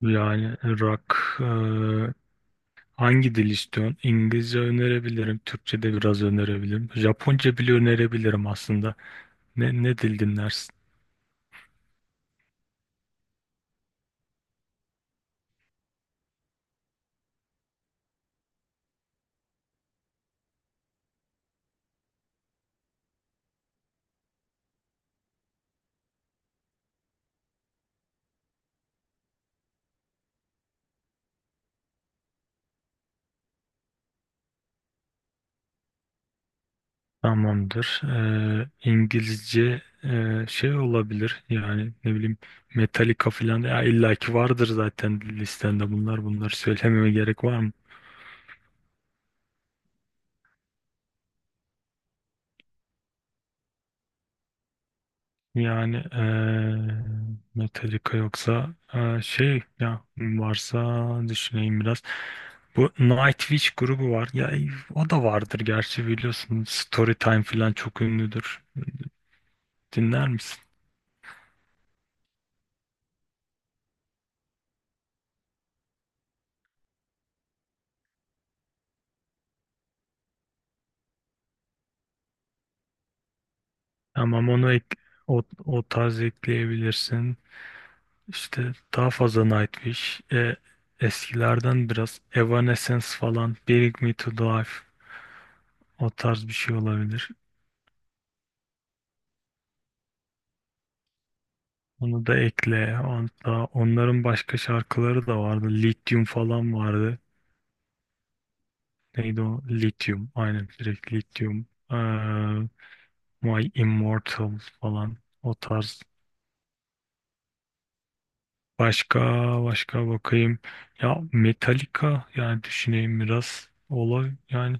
Yani rock hangi dil istiyorsun? İngilizce önerebilirim, Türkçe de biraz önerebilirim. Japonca bile önerebilirim aslında. Ne dil dinlersin? Tamamdır. İngilizce şey olabilir yani ne bileyim Metallica falan ya illaki vardır zaten listende bunlar. Bunları söylememe gerek var mı? Yani Metallica yoksa şey ya varsa düşüneyim biraz. Bu Nightwish grubu var. Ya o da vardır gerçi biliyorsun. Storytime falan çok ünlüdür. Dinler misin? Tamam o tarz ekleyebilirsin. İşte daha fazla Nightwish. Eskilerden biraz Evanescence falan. Bring Me To Life. O tarz bir şey olabilir. Onu da ekle. Hatta onların başka şarkıları da vardı. Lithium falan vardı. Neydi o? Lithium. Aynen direkt Lithium. My Immortal falan. O tarz. Başka başka bakayım. Ya Metallica yani düşüneyim biraz. Olay yani.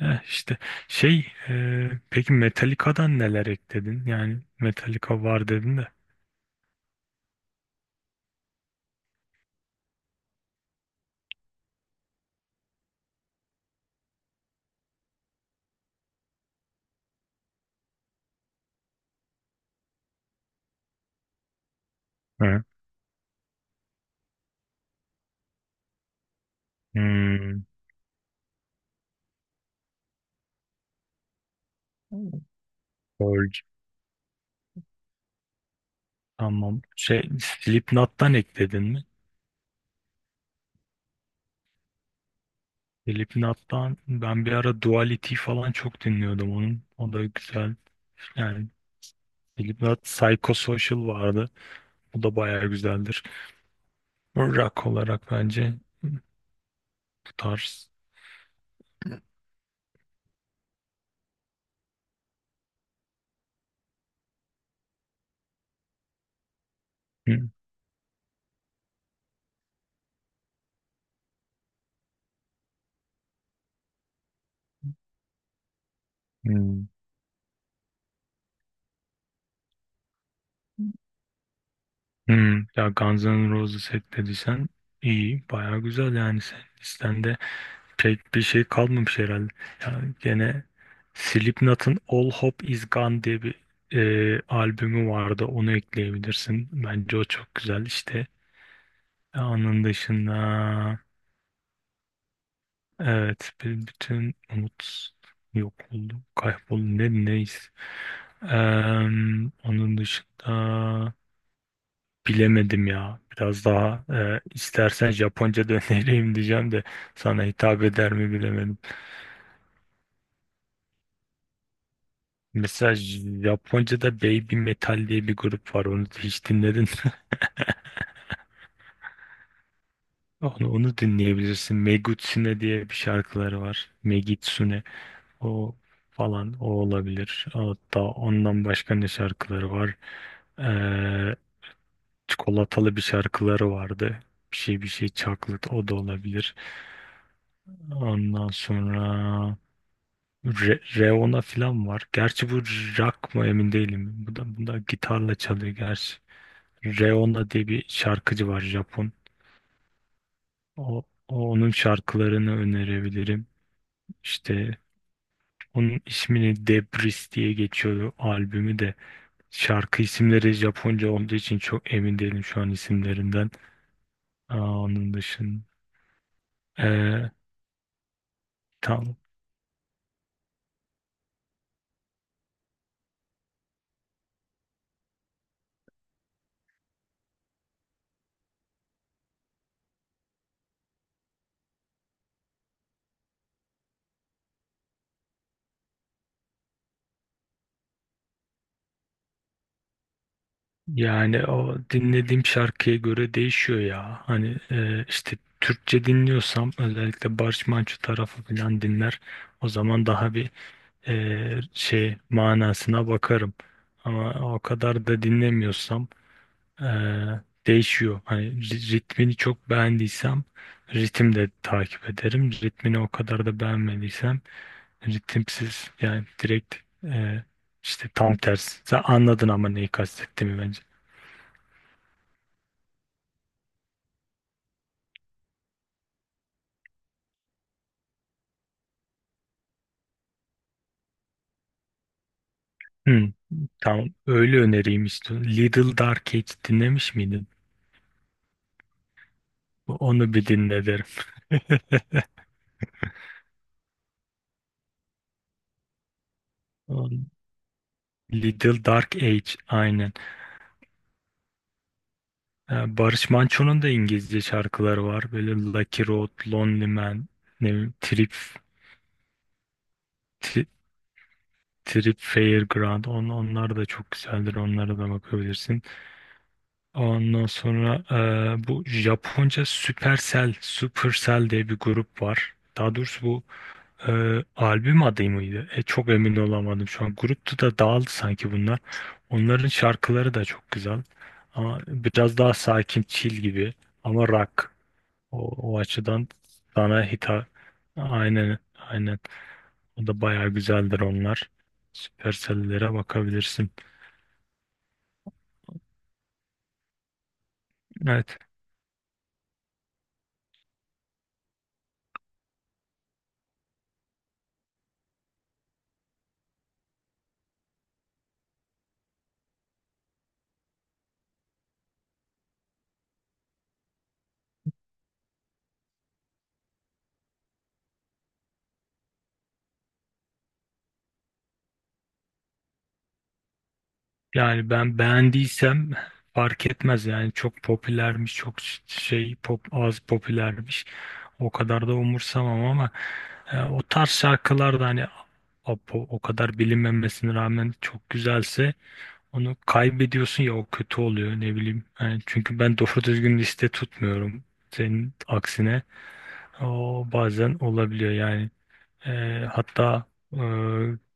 Eh işte peki Metallica'dan neler ekledin? Yani Metallica var dedin de. Hı. Hmm. Purge. Tamam. Şey Slipknot'tan ekledin mi? Slipknot'tan ben bir ara Duality falan çok dinliyordum onun. O da güzel. Yani Slipknot Psychosocial vardı. O da bayağı güzeldir. Rock olarak bence bu tarz. Hı, hı, hı. Ya Guns N' Roses hep dediysen iyi. Bayağı güzel yani sen listende pek bir şey kalmamış herhalde. Ya gene Slipknot'ın All Hope Is Gone diye bir albümü vardı. Onu ekleyebilirsin. Bence o çok güzel. İşte onun dışında evet bütün umut yok oldu, kayboldu ne neyiz. Onun dışında bilemedim ya. Biraz daha istersen Japonca da önereyim diyeceğim de sana hitap eder mi bilemedim. Mesela Japonca'da Baby Metal diye bir grup var. Onu hiç dinledin mi? Onu dinleyebilirsin. Megutsune diye bir şarkıları var. Megitsune. O falan o olabilir. Hatta ondan başka ne şarkıları var? Ee, Çikolatalı bir şarkıları vardı. Bir şey bir şey çaklıt o da olabilir. Ondan sonra Reona falan var. Gerçi bu rock mı emin değilim. Bu da gitarla çalıyor gerçi. Reona diye bir şarkıcı var Japon. Onun şarkılarını önerebilirim. İşte onun ismini Debris diye geçiyordu albümü de. Şarkı isimleri Japonca olduğu için çok emin değilim şu an isimlerinden. Aa, onun dışında Ee, tam yani o dinlediğim şarkıya göre değişiyor ya. Hani işte Türkçe dinliyorsam özellikle Barış Manço tarafı falan dinler. O zaman daha bir şey manasına bakarım. Ama o kadar da dinlemiyorsam Eee, değişiyor. Hani ritmini çok beğendiysem ritim de takip ederim. Ritmini o kadar da beğenmediysem ritimsiz yani direkt eee, işte tam tersi. Sen anladın ama neyi kastettiğimi bence. Hmm, tamam öyle önereyim işte. Little Dark Age dinlemiş miydin? Onu bir dinle derim. Little Dark Age aynen. Yani Barış Manço'nun da İngilizce şarkıları var. Böyle Lucky Road, Lonely Man, ne bileyim, Trip, Tri- Trip Fairground. Onlar da çok güzeldir. Onlara da bakabilirsin. Ondan sonra bu Japonca Supercell diye bir grup var. Daha doğrusu bu albüm adı mıydı? Çok emin olamadım şu an. Gruptu da dağıldı sanki bunlar. Onların şarkıları da çok güzel. Ama biraz daha sakin, chill gibi. Ama rock. O açıdan sana hitap aynen, o da bayağı güzeldir onlar. Süpersellere bakabilirsin. Evet. Yani ben beğendiysem fark etmez yani çok popülermiş çok pop az popülermiş o kadar da umursamam ama o tarz şarkılar da hani o kadar bilinmemesine rağmen çok güzelse onu kaybediyorsun ya o kötü oluyor ne bileyim. Yani çünkü ben doğru düzgün liste tutmuyorum senin aksine. O bazen olabiliyor yani. Hatta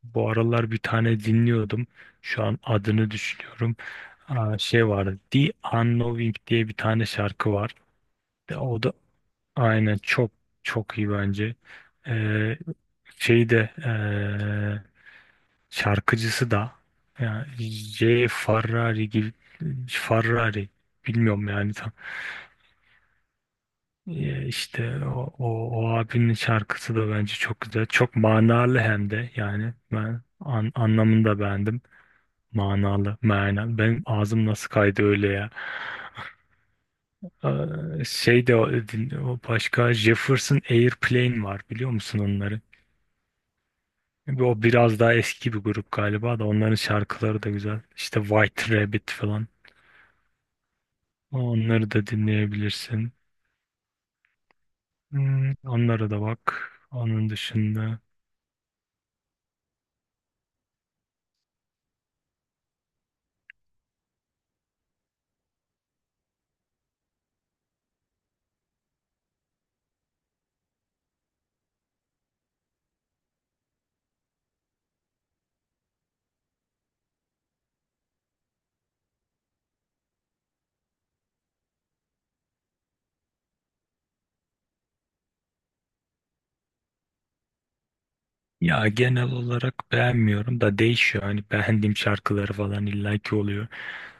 bu aralar bir tane dinliyordum. Şu an adını düşünüyorum. Aa, şey vardı. The Unknowing diye bir tane şarkı var. O da aynen çok iyi bence. Eee Şey de şarkıcısı da yani J. Ferrari gibi Ferrari bilmiyorum yani tam. Ya işte o abinin şarkısı da bence çok güzel. Çok manalı hem de yani ben anlamını da beğendim. Manalı. Benim ağzım nasıl kaydı öyle ya. Şey de o başka Jefferson Airplane var biliyor musun onları? O biraz daha eski bir grup galiba da onların şarkıları da güzel. İşte White Rabbit falan. Onları da dinleyebilirsin. Hmm, onlara da bak. Onun dışında. Ya genel olarak beğenmiyorum da değişiyor. Hani beğendiğim şarkıları falan illaki oluyor.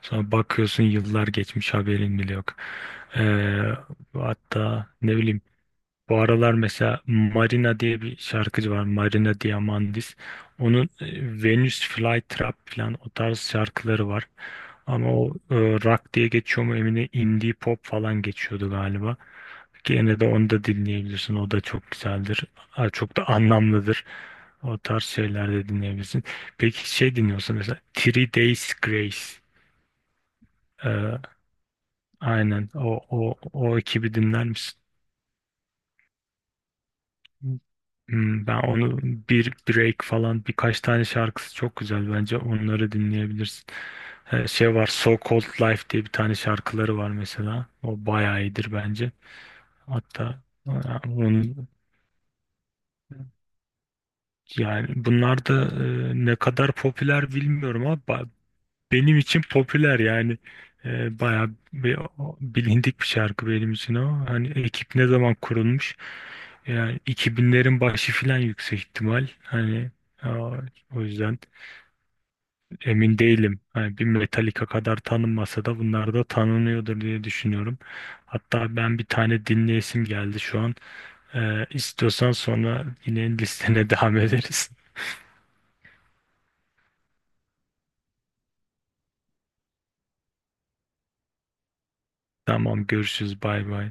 Sonra bakıyorsun yıllar geçmiş haberin bile yok. Ee, Hatta ne bileyim bu aralar mesela Marina diye bir şarkıcı var. Marina Diamandis. Onun Venus Flytrap falan o tarz şarkıları var. Ama o rock diye geçiyor mu emin değilim. Indie pop falan geçiyordu galiba. Gene de onu da dinleyebilirsin. O da çok güzeldir. Ha, çok da anlamlıdır. O tarz şeyler de dinleyebilirsin. Peki şey dinliyorsun mesela Three Days Grace. Ee, aynen o ekibi dinler misin? Hmm, ben onu bir break falan birkaç tane şarkısı çok güzel. Bence onları dinleyebilirsin. Şey var So Called Life diye bir tane şarkıları var mesela. O bayağı iyidir bence. Hatta e, onun yani bunlar da ne kadar popüler bilmiyorum ama benim için popüler yani bayağı bir, bilindik bir şarkı benim için o. Hani ekip ne zaman kurulmuş? Yani 2000'lerin başı filan yüksek ihtimal. Hani a- o yüzden emin değilim. Hani bir Metallica kadar tanınmasa da bunlar da tanınıyordur diye düşünüyorum. Hatta ben bir tane dinleyesim geldi şu an. E, istiyorsan sonra yine listene devam ederiz. Tamam görüşürüz bay bay.